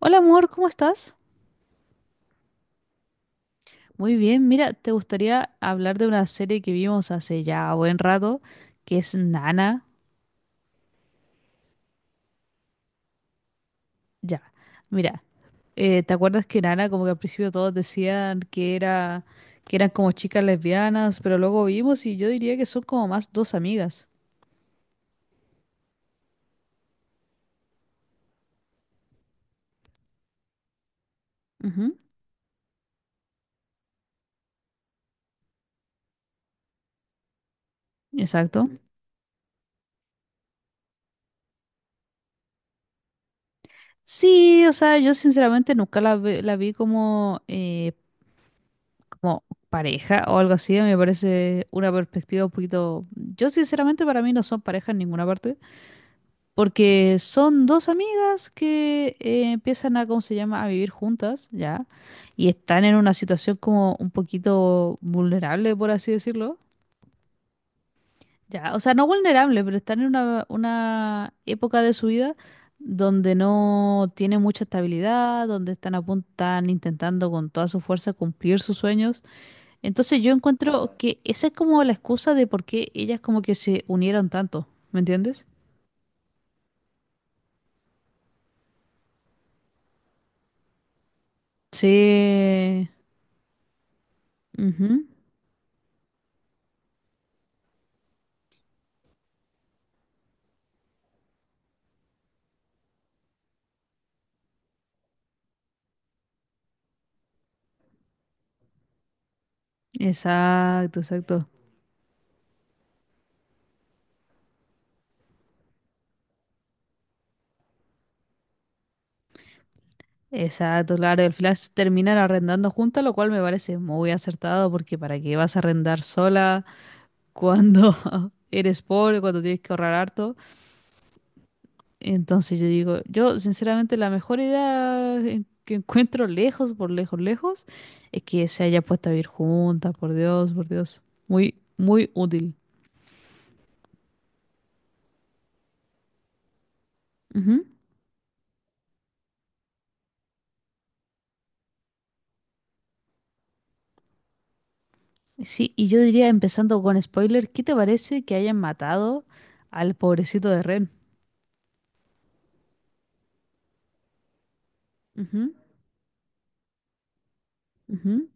Hola amor, ¿cómo estás? Muy bien, mira, te gustaría hablar de una serie que vimos hace ya buen rato, que es Nana. Ya, mira, ¿te acuerdas que Nana como que al principio todos decían que eran como chicas lesbianas, pero luego vimos y yo diría que son como más dos amigas. Ujú. Exacto. Sí, o sea, yo sinceramente nunca la vi como pareja o algo así, me parece una perspectiva un poquito. Yo sinceramente para mí no son pareja en ninguna parte. Porque son dos amigas que empiezan a, ¿cómo se llama?, a vivir juntas, ¿ya? Y están en una situación como un poquito vulnerable, por así decirlo, ¿ya? O sea, no vulnerable, pero están en una época de su vida donde no tienen mucha estabilidad, donde están a punto, están intentando con toda su fuerza cumplir sus sueños. Entonces yo encuentro que esa es como la excusa de por qué ellas como que se unieron tanto, ¿me entiendes? Sí. Ujú. Exacto, exacto. Exacto, claro. Y al final se terminan arrendando juntas, lo cual me parece muy acertado porque ¿para qué vas a arrendar sola cuando eres pobre, cuando tienes que ahorrar harto? Entonces yo digo, yo sinceramente la mejor idea que encuentro lejos, por lejos, lejos, es que se haya puesto a vivir juntas, por Dios, por Dios. Muy, muy útil. Ujú. Sí, y yo diría, empezando con spoiler, ¿qué te parece que hayan matado al pobrecito de Ren? Ujú. Ujú.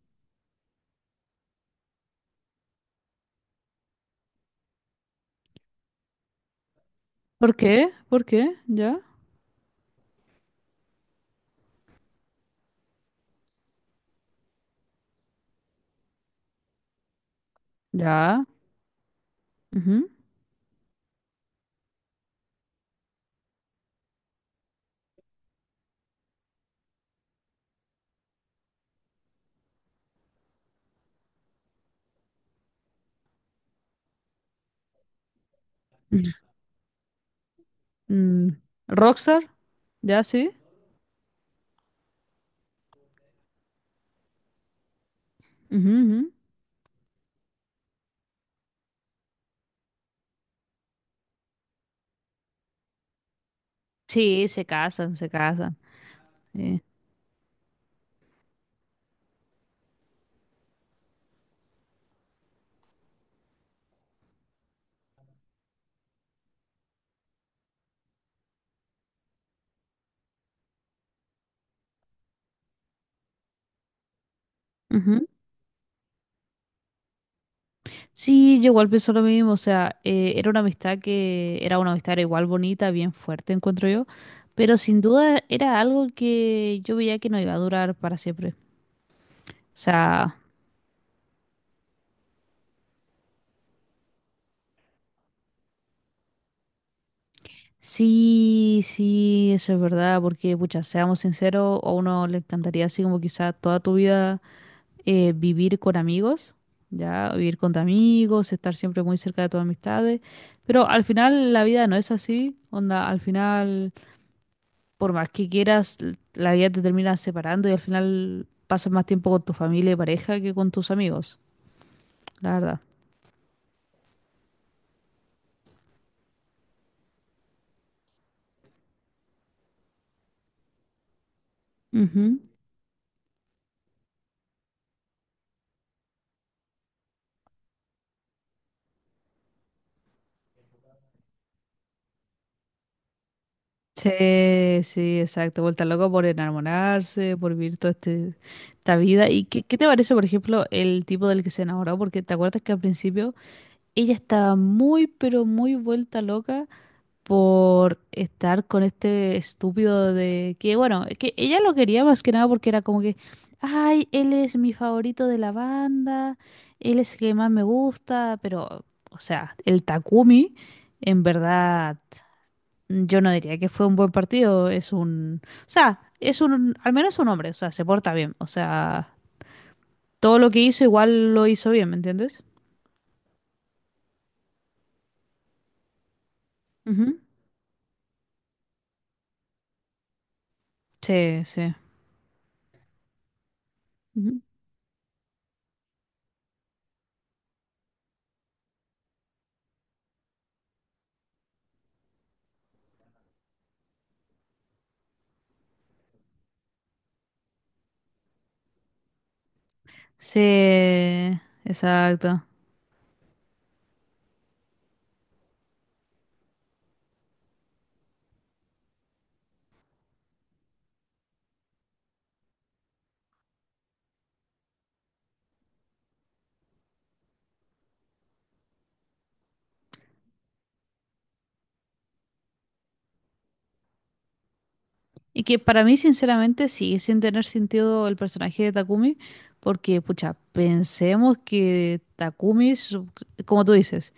¿Por qué? ¿Por qué? ¿Ya? ¿Ya? Ujú. Mm, ¿Rockstar? ¿Ya sí? Ujú, ujú. Sí, se casan, se casan. Sí. Ujú. Sí, yo igual pienso lo mismo, o sea, era una amistad que era una amistad era igual bonita, bien fuerte, encuentro yo, pero sin duda era algo que yo veía que no iba a durar para siempre. O sea, sí, sí, eso es verdad, porque, pucha, seamos sinceros, a uno le encantaría así como quizá toda tu vida vivir con amigos, ya, vivir con tus amigos, estar siempre muy cerca de tus amistades, pero al final la vida no es así, onda, al final, por más que quieras, la vida te termina separando y al final pasas más tiempo con tu familia y pareja que con tus amigos, la verdad. Ujú. Sí, sí, exacto. Vuelta loco por enamorarse, por vivir toda esta vida. ¿Y qué te parece, por ejemplo, el tipo del que se enamoró? Porque te acuerdas que al principio ella estaba muy, pero muy vuelta loca por estar con este estúpido de que, bueno, que ella lo quería más que nada porque era como que, ay, él es mi favorito de la banda, él es el que más me gusta, pero, o sea, el Takumi, en verdad, yo no diría que fue un buen partido, o sea, es un, al menos un hombre, o sea, se porta bien, o sea, todo lo que hizo igual lo hizo bien, ¿me entiendes? Ujú. Sí, sí. Ujú. Sí, exacto. Y que para mí, sinceramente, sigue sin tener sentido el personaje de Takumi, porque, pucha, pensemos que Takumi, es, como tú dices,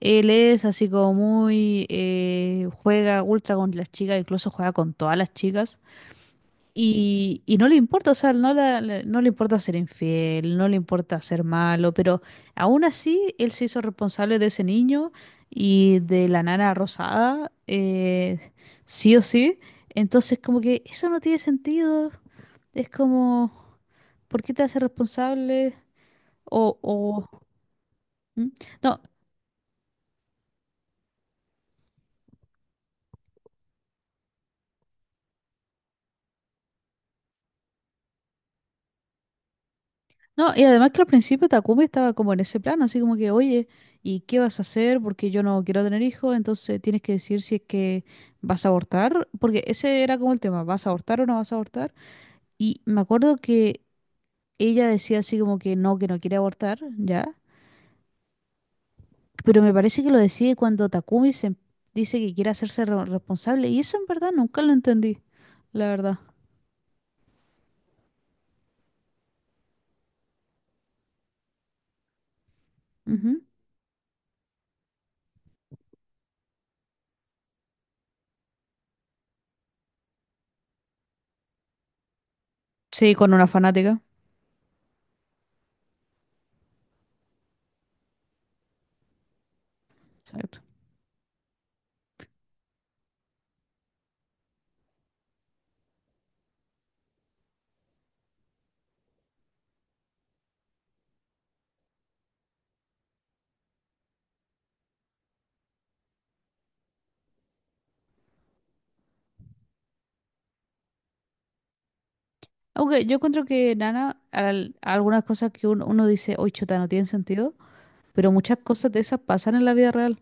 él es así como muy, juega ultra con las chicas, incluso juega con todas las chicas. Y no le importa, o sea, no, no le importa ser infiel, no le importa ser malo, pero aún así él se hizo responsable de ese niño y de la nana rosada, sí o sí. Entonces, como que eso no tiene sentido. Es como, ¿por qué te hace responsable? O, ¿Mm? No, no, y además que al principio Takumi estaba como en ese plan, así como que, oye, ¿y qué vas a hacer? Porque yo no quiero tener hijos, entonces tienes que decir si es que vas a abortar, porque ese era como el tema, ¿vas a abortar o no vas a abortar? Y me acuerdo que ella decía así como que no quiere abortar, ¿ya? Pero me parece que lo decide cuando Takumi se dice que quiere hacerse responsable, y eso en verdad nunca lo entendí, la verdad. Ujú. Sí, con una fanática. Aunque yo encuentro que Nana, algunas cosas que uno, uno dice, oye, chuta, no tienen sentido, pero muchas cosas de esas pasan en la vida real.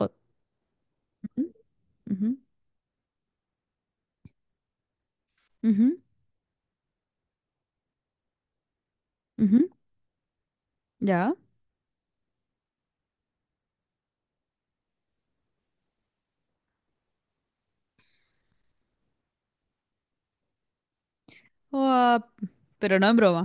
O- ujú, ujú, ujú, ujú, ya. O, ah, pero no en broma.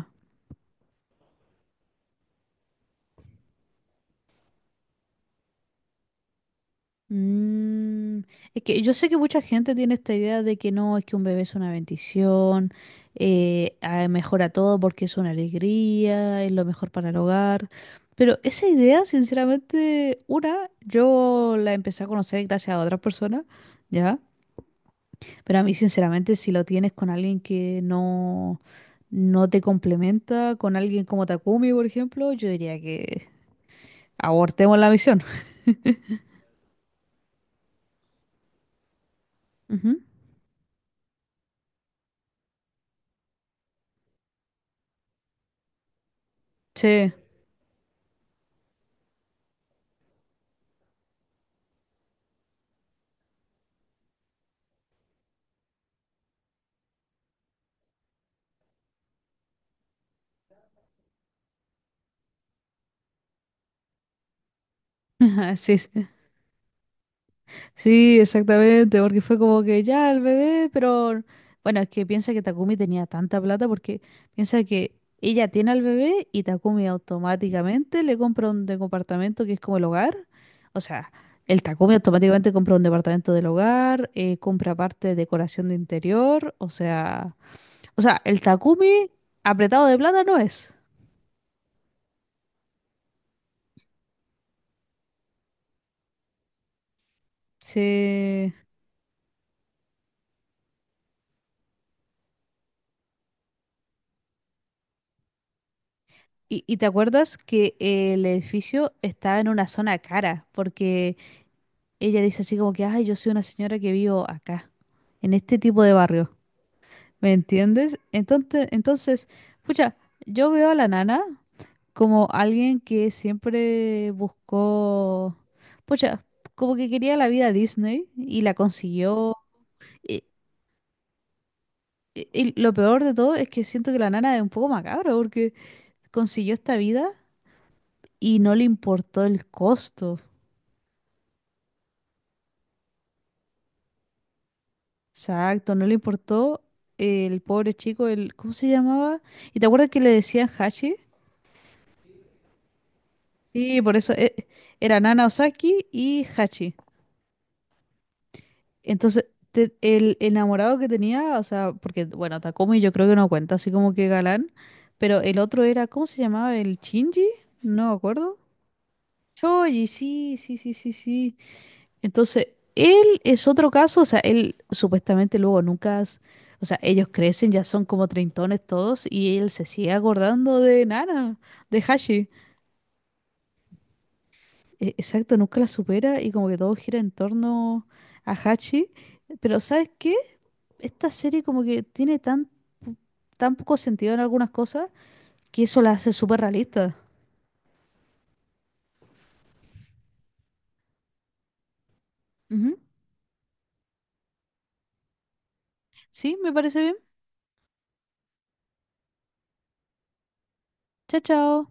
Mm, es que yo sé que mucha gente tiene esta idea de que no, es que un bebé es una bendición, mejora todo porque es una alegría, es lo mejor para el hogar. Pero esa idea, sinceramente, una, yo la empecé a conocer gracias a otras personas, ¿ya? Pero a mí, sinceramente, si lo tienes con alguien que no te complementa, con alguien como Takumi, por ejemplo, yo diría que abortemos la misión. Ujú. Sí, sí, sí. Sí, exactamente, porque fue como que ya el bebé, pero bueno, es que piensa que Takumi tenía tanta plata porque piensa que ella tiene al bebé y Takumi automáticamente le compra un departamento que es como el hogar. O sea, el Takumi automáticamente compra un departamento del hogar, compra parte de decoración de interior, o sea, el Takumi apretado de plata no es. Sí. ¿Y te acuerdas que el edificio estaba en una zona cara? Porque ella dice así como que, ay, yo soy una señora que vivo acá, en este tipo de barrio. ¿Me entiendes? Entonces, pucha, yo veo a la nana como alguien que siempre buscó, pucha, como que quería la vida Disney y la consiguió. Y, y lo peor de todo es que siento que la nana es un poco macabra porque consiguió esta vida y no le importó el costo. Exacto, no le importó el pobre chico, el, ¿cómo se llamaba? ¿Y te acuerdas que le decían Hachi? Sí, por eso era Nana Osaki y Hachi. Entonces, el enamorado que tenía, o sea, porque, bueno, Takumi yo creo que no cuenta, así como que galán, pero el otro era, ¿cómo se llamaba? ¿El Shinji? No me acuerdo. Choji, sí, sí, sí, sí, sí. Entonces, él es otro caso, o sea, él supuestamente luego nunca, o sea, ellos crecen, ya son como treintones todos y él se sigue acordando de Nana, de Hashi. Exacto, nunca la supera y como que todo gira en torno a Hachi. Pero ¿sabes qué? Esta serie como que tiene tan, po- tan poco sentido en algunas cosas que eso la hace súper realista. Ujú. Sí, me parece bien. Chao, chao.